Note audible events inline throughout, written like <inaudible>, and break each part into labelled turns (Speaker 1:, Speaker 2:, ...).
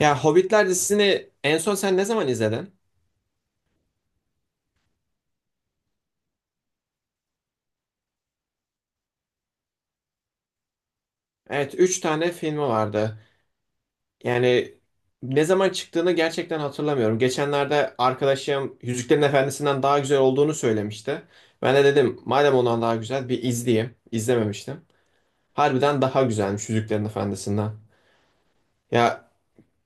Speaker 1: Ya Hobbitler dizisini en son sen ne zaman izledin? Evet, 3 tane filmi vardı. Yani ne zaman çıktığını gerçekten hatırlamıyorum. Geçenlerde arkadaşım Yüzüklerin Efendisi'nden daha güzel olduğunu söylemişti. Ben de dedim madem ondan daha güzel bir izleyeyim. İzlememiştim. Harbiden daha güzelmiş Yüzüklerin Efendisi'nden. Ya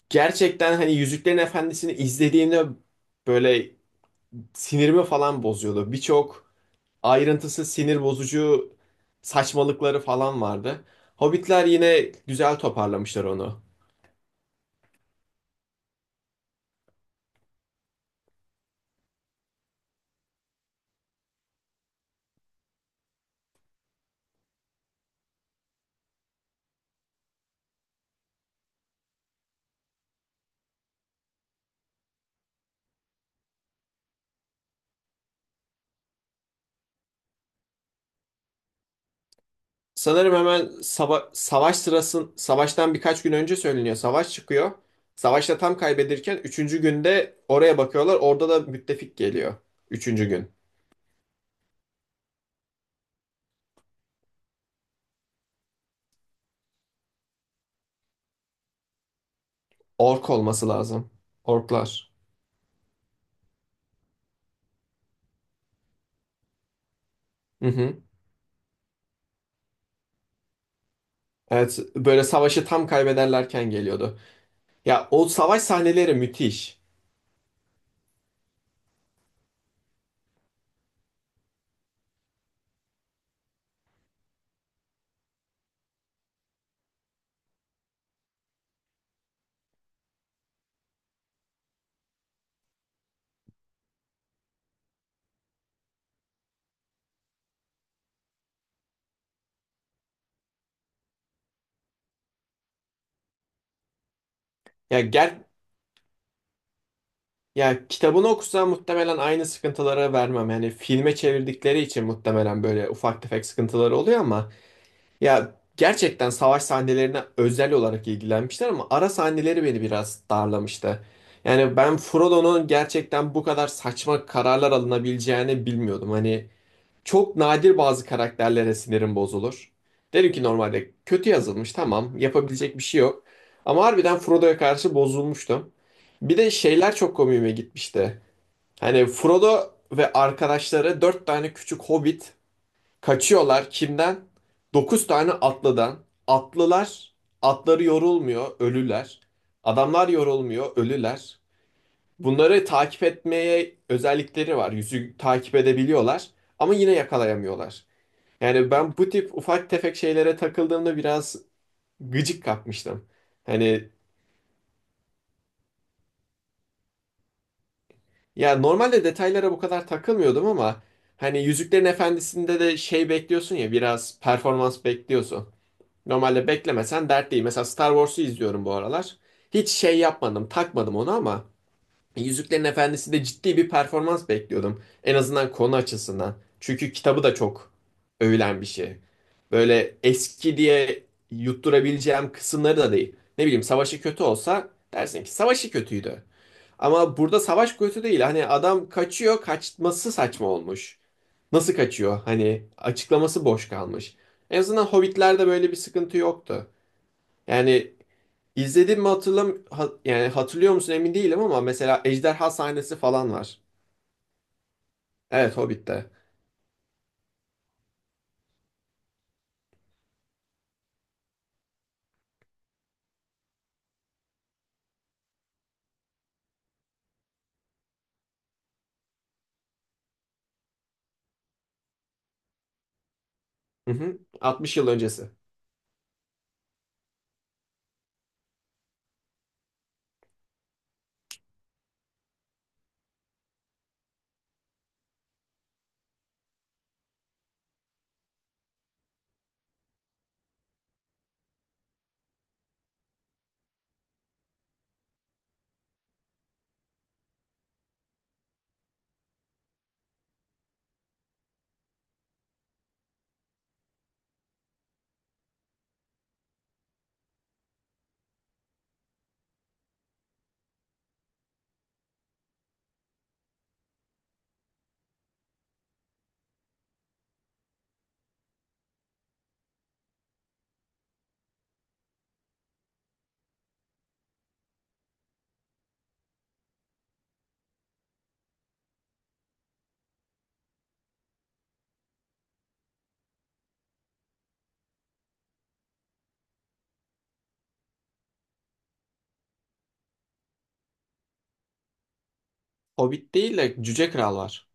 Speaker 1: gerçekten Yüzüklerin Efendisi'ni izlediğimde böyle sinirimi falan bozuyordu. Birçok ayrıntısı sinir bozucu saçmalıkları falan vardı. Hobbitler yine güzel toparlamışlar onu. Sanırım hemen savaş savaştan birkaç gün önce söyleniyor. Savaş çıkıyor. Savaşta tam kaybedirken üçüncü günde oraya bakıyorlar. Orada da müttefik geliyor. Üçüncü gün. Ork olması lazım. Orklar. Hı hı. Evet, böyle savaşı tam kaybederlerken geliyordu. Ya o savaş sahneleri müthiş. Ya ger ya kitabını okusam muhtemelen aynı sıkıntılara vermem. Yani filme çevirdikleri için muhtemelen böyle ufak tefek sıkıntıları oluyor ama ya gerçekten savaş sahnelerine özel olarak ilgilenmişler ama ara sahneleri beni biraz darlamıştı. Yani ben Frodo'nun gerçekten bu kadar saçma kararlar alınabileceğini bilmiyordum. Çok nadir bazı karakterlere sinirim bozulur. Derim ki normalde kötü yazılmış tamam yapabilecek bir şey yok. Ama harbiden Frodo'ya karşı bozulmuştum. Bir de şeyler çok komiğime gitmişti. Hani Frodo ve arkadaşları dört tane küçük hobbit kaçıyorlar kimden? Dokuz tane atlıdan. Atlılar, atları yorulmuyor, ölüler. Adamlar yorulmuyor, ölüler. Bunları takip etmeye özellikleri var. Yüzü takip edebiliyorlar ama yine yakalayamıyorlar. Yani ben bu tip ufak tefek şeylere takıldığımda biraz gıcık kapmıştım. Hani ya normalde detaylara bu kadar takılmıyordum ama hani Yüzüklerin Efendisi'nde de şey bekliyorsun ya biraz performans bekliyorsun. Normalde beklemesen dert değil. Mesela Star Wars'u izliyorum bu aralar. Hiç şey yapmadım, takmadım onu ama Yüzüklerin Efendisi de ciddi bir performans bekliyordum. En azından konu açısından. Çünkü kitabı da çok övülen bir şey. Böyle eski diye yutturabileceğim kısımları da değil. Ne bileyim savaşı kötü olsa dersin ki savaşı kötüydü. Ama burada savaş kötü değil. Hani adam kaçıyor, kaçması saçma olmuş. Nasıl kaçıyor? Hani açıklaması boş kalmış. En azından Hobbit'lerde böyle bir sıkıntı yoktu. Yani İzledim mi hatırlam ha- yani hatırlıyor musun emin değilim ama mesela ejderha sahnesi falan var. Evet Hobbit'te. Hı hı. 60 yıl öncesi. Hobbit değil de Cüce Kral var.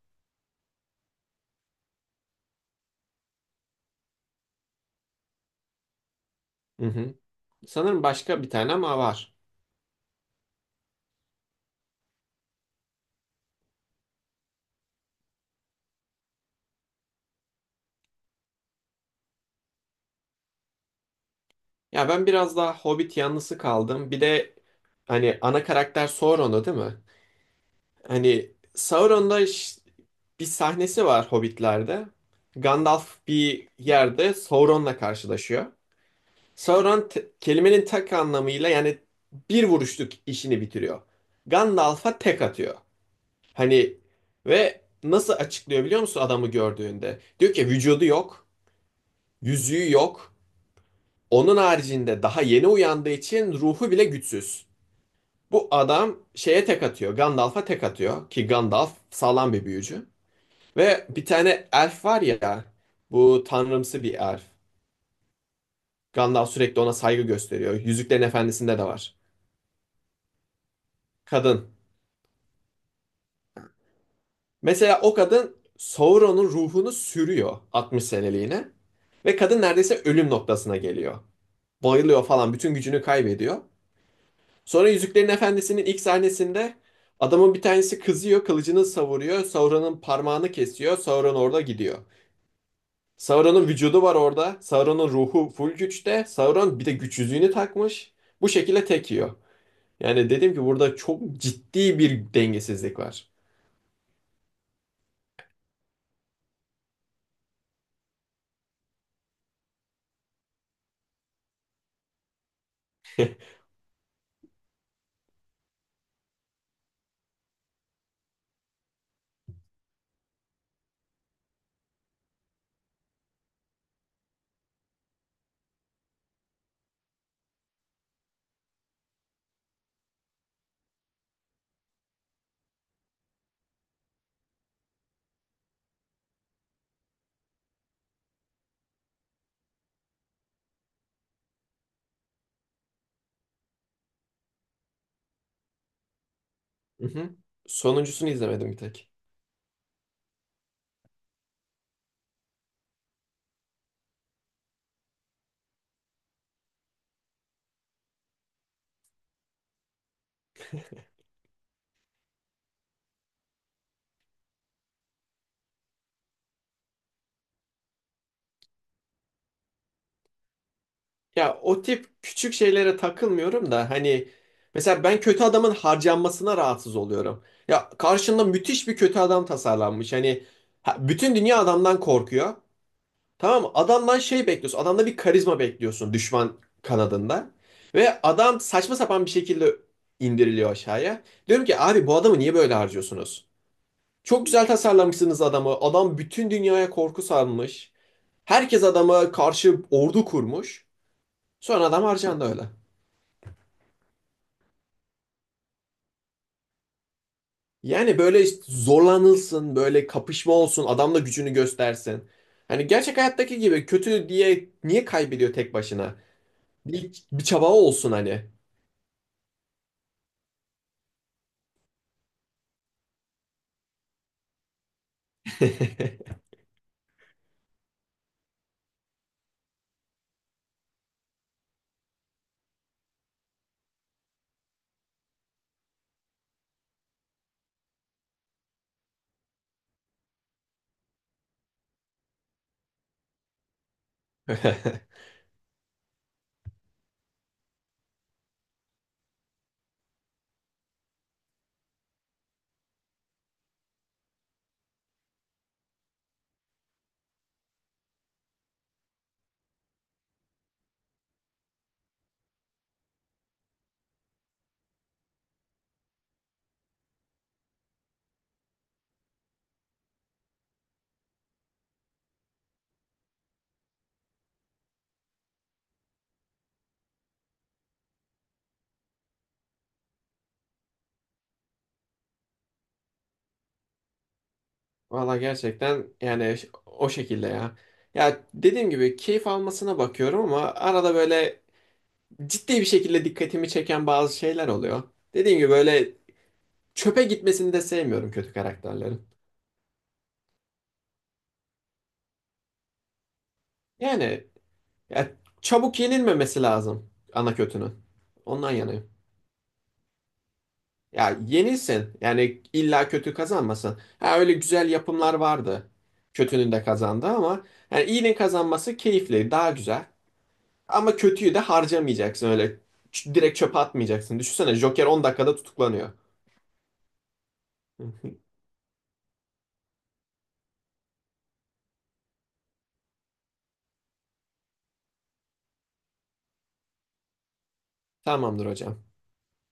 Speaker 1: Hı hı. Sanırım başka bir tane ama var. Ya ben biraz daha Hobbit yanlısı kaldım. Bir de hani ana karakter Sauron'u değil mi? Hani Sauron'da ş- bir sahnesi var Hobbit'lerde. Gandalf bir yerde Sauron'la karşılaşıyor. Kelimenin tek anlamıyla yani bir vuruşluk işini bitiriyor. Gandalf'a tek atıyor. Hani ve nasıl açıklıyor biliyor musun adamı gördüğünde? Diyor ki vücudu yok, yüzüğü yok. Onun haricinde daha yeni uyandığı için ruhu bile güçsüz. Bu adam şeye tek atıyor. Gandalf'a tek atıyor. Ki Gandalf sağlam bir büyücü. Ve bir tane elf var ya. Bu tanrımsı bir elf. Gandalf sürekli ona saygı gösteriyor. Yüzüklerin Efendisi'nde de var. Kadın. Mesela o kadın Sauron'un ruhunu sürüyor 60 seneliğine. Ve kadın neredeyse ölüm noktasına geliyor. Bayılıyor falan. Bütün gücünü kaybediyor. Sonra Yüzüklerin Efendisi'nin ilk sahnesinde adamın bir tanesi kızıyor. Kılıcını savuruyor. Sauron'un parmağını kesiyor. Sauron orada gidiyor. Sauron'un vücudu var orada. Sauron'un ruhu full güçte. Sauron bir de güç yüzüğünü takmış. Bu şekilde tek yiyor. Yani dedim ki burada çok ciddi bir dengesizlik var. Hı hı. Sonuncusunu izlemedim bir tek. Ya o tip küçük şeylere takılmıyorum da hani mesela ben kötü adamın harcanmasına rahatsız oluyorum. Ya karşında müthiş bir kötü adam tasarlanmış. Bütün dünya adamdan korkuyor. Tamam mı? Adamdan şey bekliyorsun. Adamda bir karizma bekliyorsun düşman kanadında. Ve adam saçma sapan bir şekilde indiriliyor aşağıya. Diyorum ki abi bu adamı niye böyle harcıyorsunuz? Çok güzel tasarlamışsınız adamı. Adam bütün dünyaya korku salmış. Herkes adama karşı ordu kurmuş. Sonra adam harcandı öyle. Yani böyle işte zorlanılsın, böyle kapışma olsun, adam da gücünü göstersin. Hani gerçek hayattaki gibi kötü diye niye kaybediyor tek başına? Bir çaba olsun hani. <laughs> <laughs> Valla gerçekten yani o şekilde ya. Ya dediğim gibi keyif almasına bakıyorum ama arada böyle ciddi bir şekilde dikkatimi çeken bazı şeyler oluyor. Dediğim gibi böyle çöpe gitmesini de sevmiyorum kötü karakterlerin. Yani ya çabuk yenilmemesi lazım ana kötünün. Ondan yanayım. Ya yenilsin. Yani illa kötü kazanmasın. Ha öyle güzel yapımlar vardı. Kötünün de kazandı ama yani iyinin kazanması keyifli, daha güzel. Ama kötüyü de harcamayacaksın öyle. Direkt çöpe atmayacaksın. Düşünsene Joker 10 dakikada tutuklanıyor. <laughs> Tamamdır hocam.